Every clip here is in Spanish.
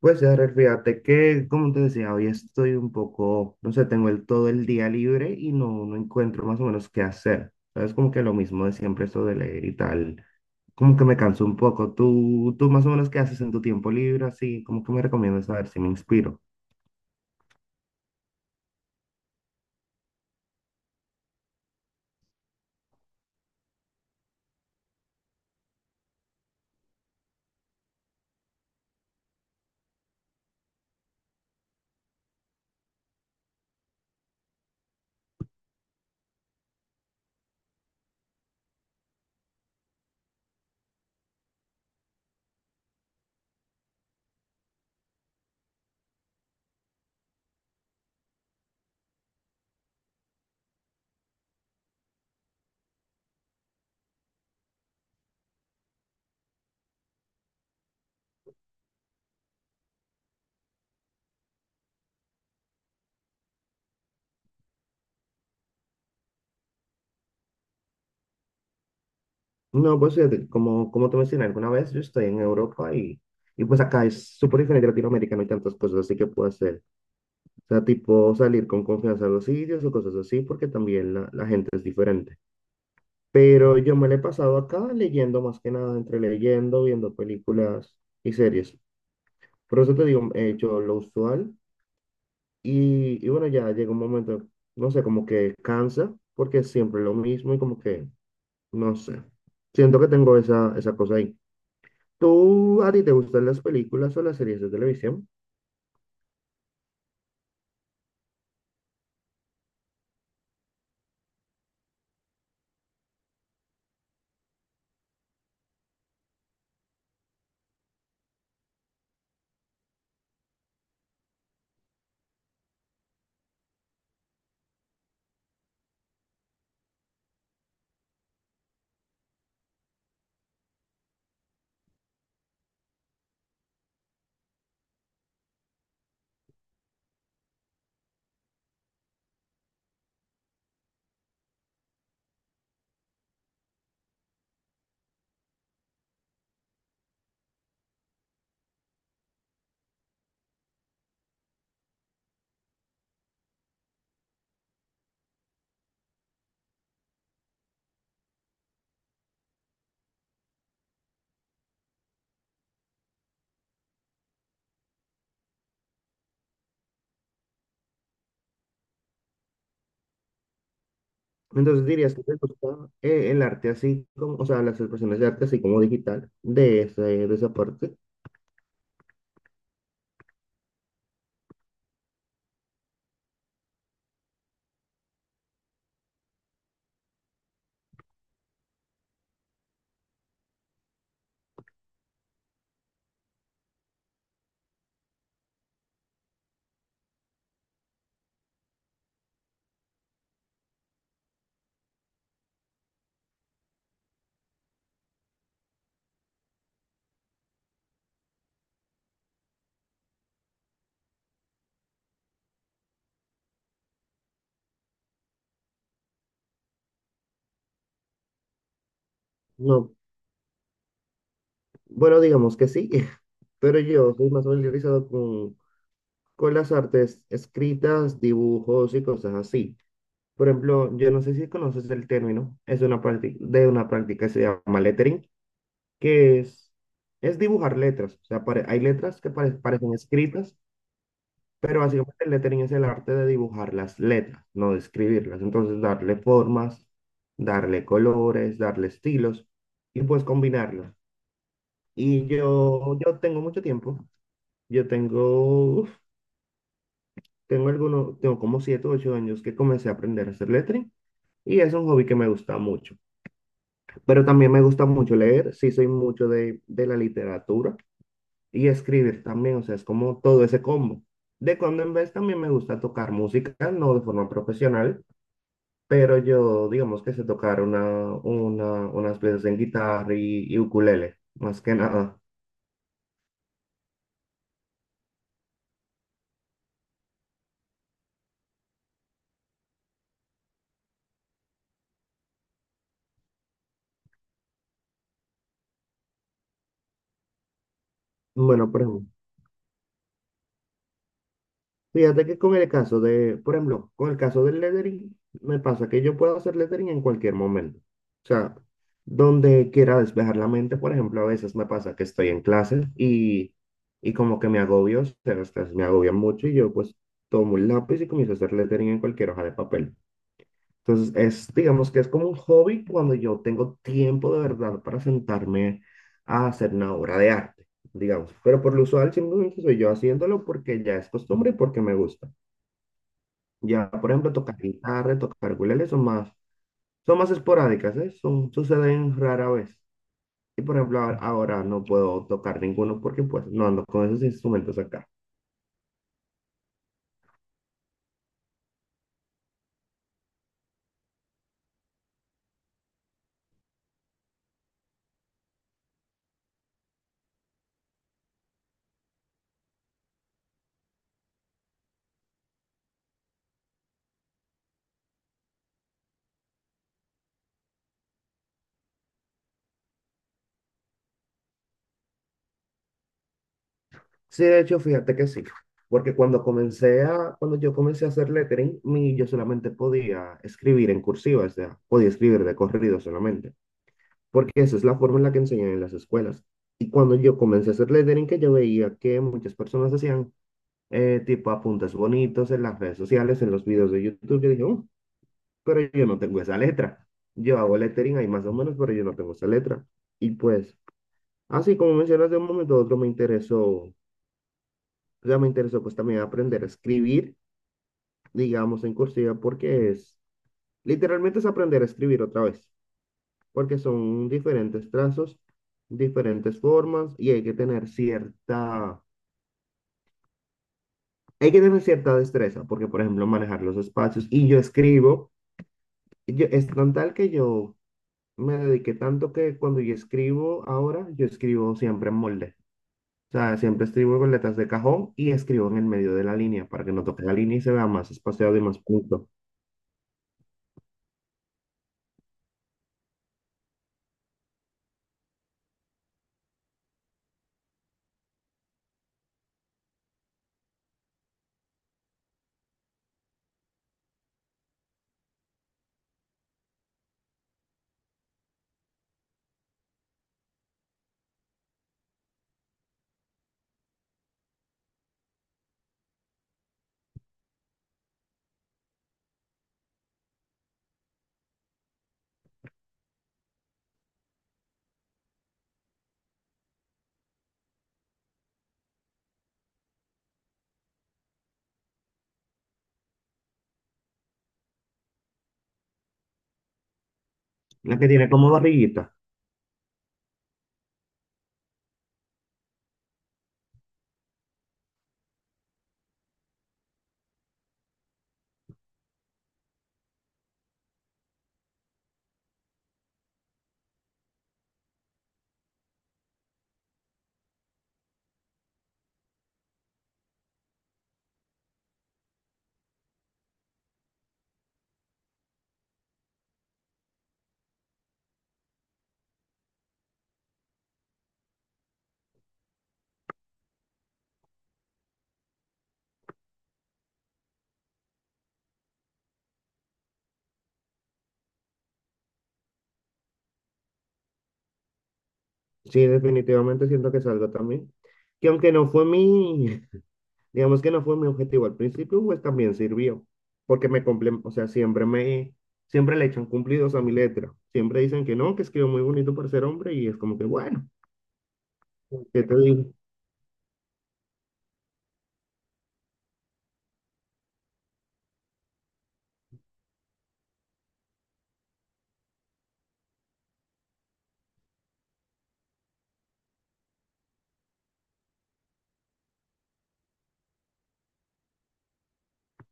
Pues ya, Rel, fíjate que, como te decía, hoy estoy un poco, no sé, tengo todo el día libre y no, no encuentro más o menos qué hacer. Es como que lo mismo de siempre, eso de leer y tal. Como que me canso un poco. ¿Tú más o menos qué haces en tu tiempo libre? Así, como que me recomiendas saber si me inspiro. No, pues fíjate, como te mencioné alguna vez, yo estoy en Europa y pues acá es súper diferente a Latinoamérica, no hay tantas cosas así que puedo hacer. O sea, tipo salir con confianza a los sitios o cosas así, porque también la gente es diferente. Pero yo me la he pasado acá leyendo más que nada, entre leyendo, viendo películas y series. Por eso te digo, he hecho lo usual y bueno, ya llega un momento, no sé, como que cansa porque es siempre lo mismo y como que, no sé, siento que tengo esa cosa ahí. ¿A ti te gustan las películas o las series de televisión? Entonces dirías que te gusta el arte así, como, o sea, las expresiones de arte así como digital, de esa parte. No, bueno, digamos que sí, pero yo soy más familiarizado con las artes escritas, dibujos y cosas así. Por ejemplo, yo no sé si conoces el término, es una práctica, de una práctica que se llama lettering, que es dibujar letras. O sea, hay letras que parecen escritas, pero básicamente el lettering es el arte de dibujar las letras, no de escribirlas. Entonces, darle formas, darle colores, darle estilos y pues combinarlos. Y yo tengo mucho tiempo. Yo tengo, tengo algunos, tengo como 7 o 8 años que comencé a aprender a hacer lettering y es un hobby que me gusta mucho. Pero también me gusta mucho leer, sí soy mucho de la literatura y escribir también, o sea, es como todo ese combo. De cuando en vez también me gusta tocar música, no de forma profesional, pero yo digamos que sé tocar unas piezas en guitarra y ukulele, más que nada. Bueno, por ejemplo. Fíjate que con el caso de, por ejemplo, con el caso del lettering, me pasa que yo puedo hacer lettering en cualquier momento. O sea, donde quiera despejar la mente, por ejemplo, a veces me pasa que estoy en clase y como que me agobio, o sea, las clases me agobian mucho y yo pues tomo un lápiz y comienzo a hacer lettering en cualquier hoja de papel. Entonces, es, digamos que es como un hobby cuando yo tengo tiempo de verdad para sentarme a hacer una obra de arte, digamos. Pero por lo usual simplemente soy yo haciéndolo porque ya es costumbre y porque me gusta. Ya, por ejemplo, tocar guitarra, tocar ukulele son más esporádicas, ¿eh? Son, suceden rara vez. Y por ejemplo, ahora ahora no puedo tocar ninguno porque pues no ando con esos instrumentos acá. Sí, de hecho, fíjate que sí. Porque cuando yo comencé a hacer lettering, mi, yo solamente podía escribir en cursiva, o sea, podía escribir de corrido solamente. Porque esa es la forma en la que enseñan en las escuelas. Y cuando yo comencé a hacer lettering, que yo veía que muchas personas hacían tipo apuntes bonitos en las redes sociales, en los videos de YouTube. Yo dije: "Oh, pero yo no tengo esa letra. Yo hago lettering ahí más o menos, pero yo no tengo esa letra". Y pues, así como mencionas de un momento a otro, me interesó, o sea, me interesó pues también aprender a escribir, digamos, en cursiva, porque es, literalmente es aprender a escribir otra vez, porque son diferentes trazos, diferentes formas, y hay que tener cierta, hay que tener cierta destreza, porque por ejemplo, manejar los espacios, y yo escribo. Es con tal que yo me dediqué tanto que cuando yo escribo ahora, yo escribo siempre en molde. O sea, siempre escribo con letras de cajón y escribo en el medio de la línea para que no toque la línea y se vea más espaciado y más punto. La que tiene como barriguita. Sí, definitivamente siento que es algo también. Que aunque no fue mi, digamos que no fue mi objetivo al principio, pues también sirvió. Porque me complementó, o sea, siempre le echan cumplidos a mi letra. Siempre dicen que no, que escribo muy bonito para ser hombre y es como que bueno. ¿Qué te digo?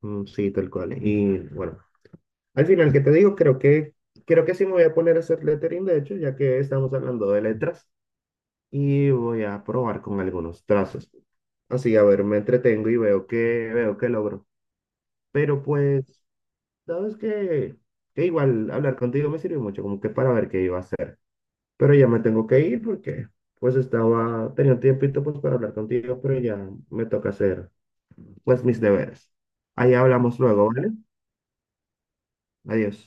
Mm, sí, tal cual. Y bueno, al final, ¿qué te digo? Creo que sí me voy a poner a hacer lettering, de hecho, ya que estamos hablando de letras, y voy a probar con algunos trazos. Así, a ver, me entretengo y veo que logro. Pero pues, sabes que igual hablar contigo me sirvió mucho, como que para ver qué iba a hacer. Pero ya me tengo que ir porque pues estaba, tenía un tiempito pues para hablar contigo, pero ya me toca hacer pues mis deberes. Ahí hablamos luego, ¿vale? Adiós.